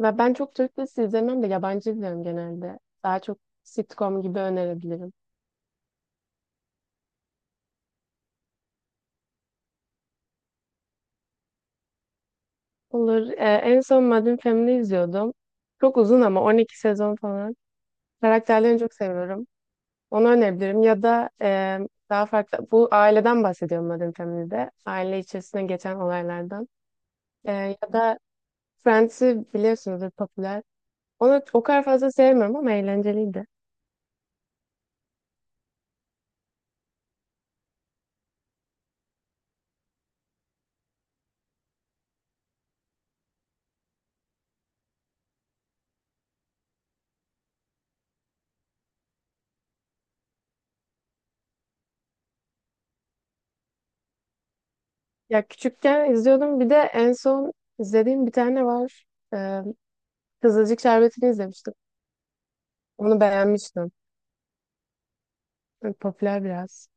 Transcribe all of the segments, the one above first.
Ve ben çok Türk dizisi izlemem de yabancı izliyorum genelde. Daha çok sitcom gibi önerebilirim. Olur. En son Modern Family izliyordum. Çok uzun ama 12 sezon falan. Karakterlerini çok seviyorum. Onu önerebilirim. Ya da daha farklı. Bu aileden bahsediyorum Modern Family'de. Aile içerisinde geçen olaylardan. E, Ya da Friends'i biliyorsunuzdur, popüler. Onu o kadar fazla sevmiyorum ama eğlenceliydi. Ya küçükken izliyordum. Bir de en son izlediğim bir tane var. E, Kızılcık Şerbeti'ni izlemiştim. Onu beğenmiştim. Böyle popüler biraz.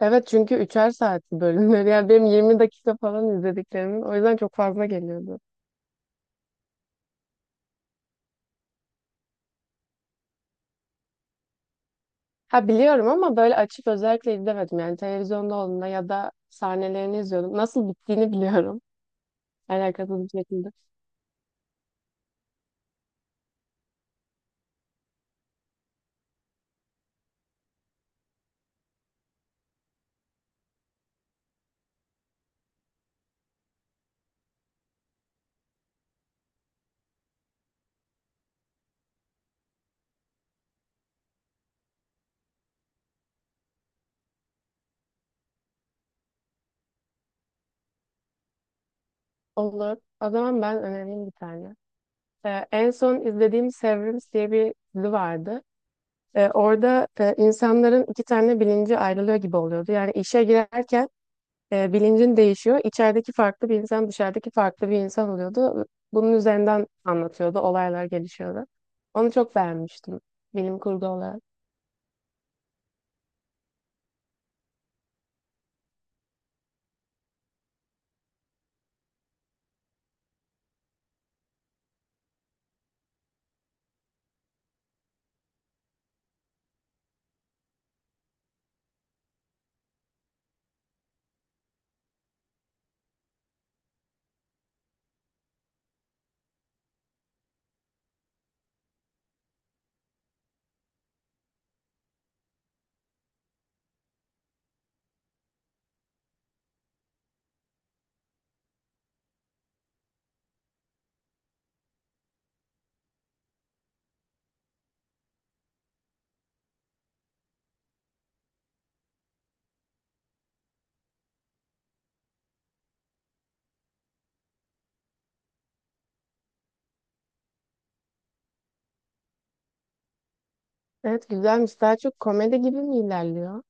Evet çünkü üçer saat bölümleri. Yani benim 20 dakika falan izlediklerimin. O yüzden çok fazla geliyordu. Ha, biliyorum ama böyle açıp özellikle izlemedim. Yani televizyonda olduğunda ya da sahnelerini izliyordum. Nasıl bittiğini biliyorum. Alakasız bir şekilde. Olur. O zaman ben önereyim bir tane. En son izlediğim Severance diye bir dizi vardı. Orada insanların iki tane bilinci ayrılıyor gibi oluyordu. Yani işe girerken bilincin değişiyor. İçerideki farklı bir insan, dışarıdaki farklı bir insan oluyordu. Bunun üzerinden anlatıyordu. Olaylar gelişiyordu. Onu çok beğenmiştim, bilim kurgu olarak. Evet, güzelmiş. Daha çok komedi gibi mi ilerliyor?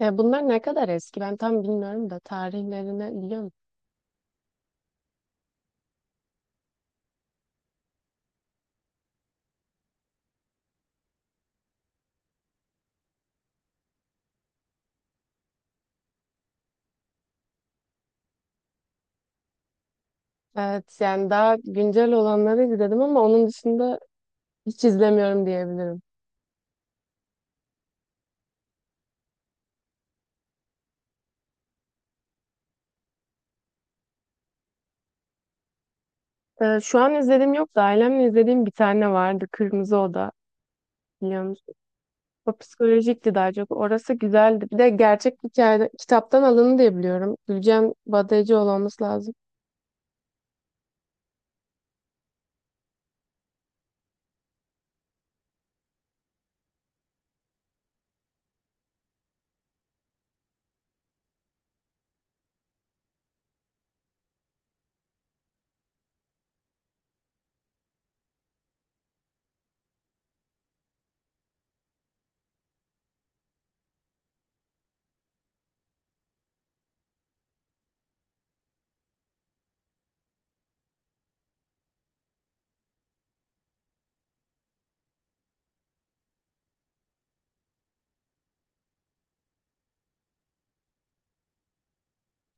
Bunlar ne kadar eski? Ben tam bilmiyorum da tarihlerini biliyor musun? Evet, yani daha güncel olanları izledim ama onun dışında hiç izlemiyorum diyebilirim. Şu an izlediğim yok da ailemle izlediğim bir tane vardı. Kırmızı Oda. Biliyor musun? O psikolojikti daha çok. Orası güzeldi. Bir de gerçek hikayede kitaptan alındı diye biliyorum. Gülcem Badayıcıoğlu olması lazım.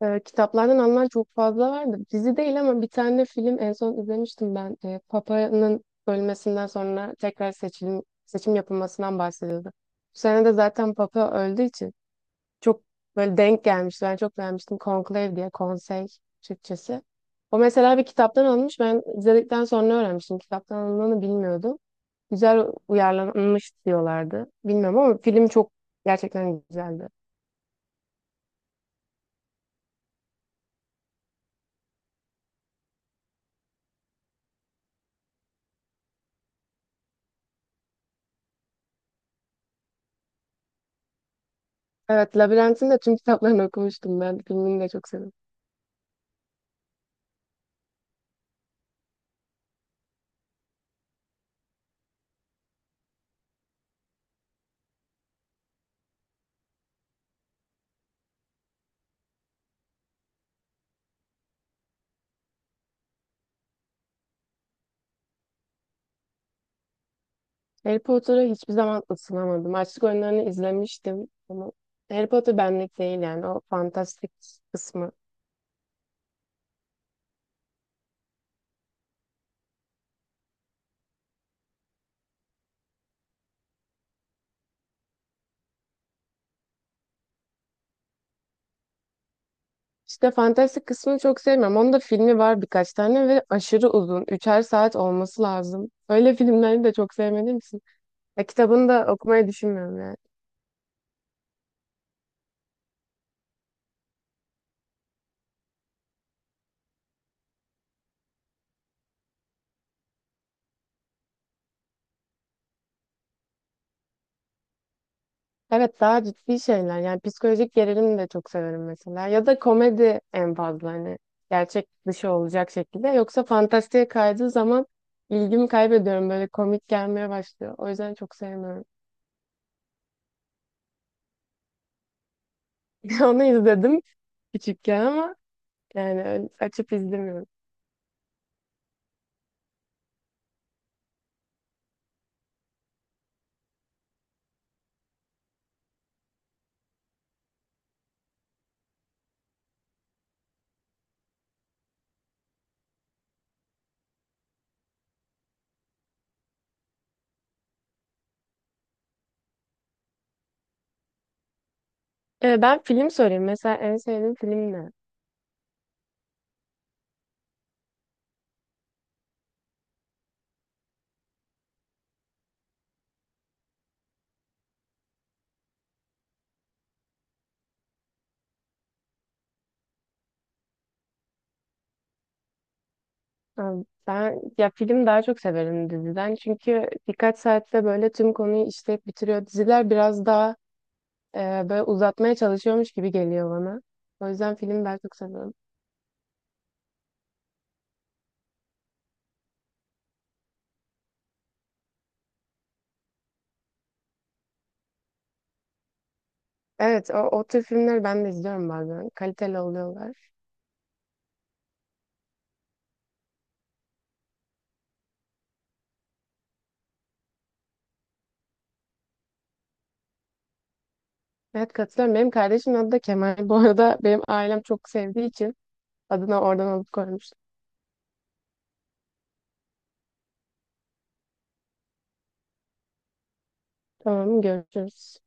Kitaplardan alınan çok fazla vardı. Dizi değil ama bir tane film en son izlemiştim ben. Papa'nın ölmesinden sonra tekrar seçim yapılmasından bahsediyordu. Bu sene de zaten Papa öldüğü için çok böyle denk gelmişti. Ben çok beğenmiştim. Conclave, diye konsey Türkçesi. O mesela bir kitaptan alınmış. Ben izledikten sonra öğrenmiştim. Kitaptan alındığını bilmiyordum. Güzel uyarlanmış diyorlardı. Bilmiyorum ama film çok gerçekten güzeldi. Evet, Labirent'in de tüm kitaplarını okumuştum ben. Filmini de çok sevdim. Harry Potter'a hiçbir zaman ısınamadım. Açlık Oyunları'nı izlemiştim ama Harry Potter benlik değil, yani o fantastik kısmı. İşte fantastik kısmını çok sevmiyorum. Onun da filmi var birkaç tane ve aşırı uzun. Üçer saat olması lazım. Öyle, filmlerini de çok sevmediğim için. Ya kitabını da okumayı düşünmüyorum yani. Evet, daha ciddi şeyler, yani psikolojik gerilimi de çok severim mesela ya da komedi, en fazla hani gerçek dışı olacak şekilde, yoksa fantastiğe kaydığı zaman ilgimi kaybediyorum, böyle komik gelmeye başlıyor, o yüzden çok sevmiyorum. Onu izledim küçükken ama yani öyle açıp izlemiyorum. Ben film sorayım mesela, en sevdiğim film ne? Ha, Ben ya film daha çok severim diziden, çünkü birkaç saatte böyle tüm konuyu işleyip bitiriyor. Diziler biraz daha e, böyle uzatmaya çalışıyormuş gibi geliyor bana. O yüzden filmi ben çok seviyorum. Evet, o tür filmleri ben de izliyorum bazen. Kaliteli oluyorlar. Evet, katılıyorum. Benim kardeşimin adı da Kemal. Bu arada benim ailem çok sevdiği için adına oradan alıp koymuştum. Tamam, görüşürüz.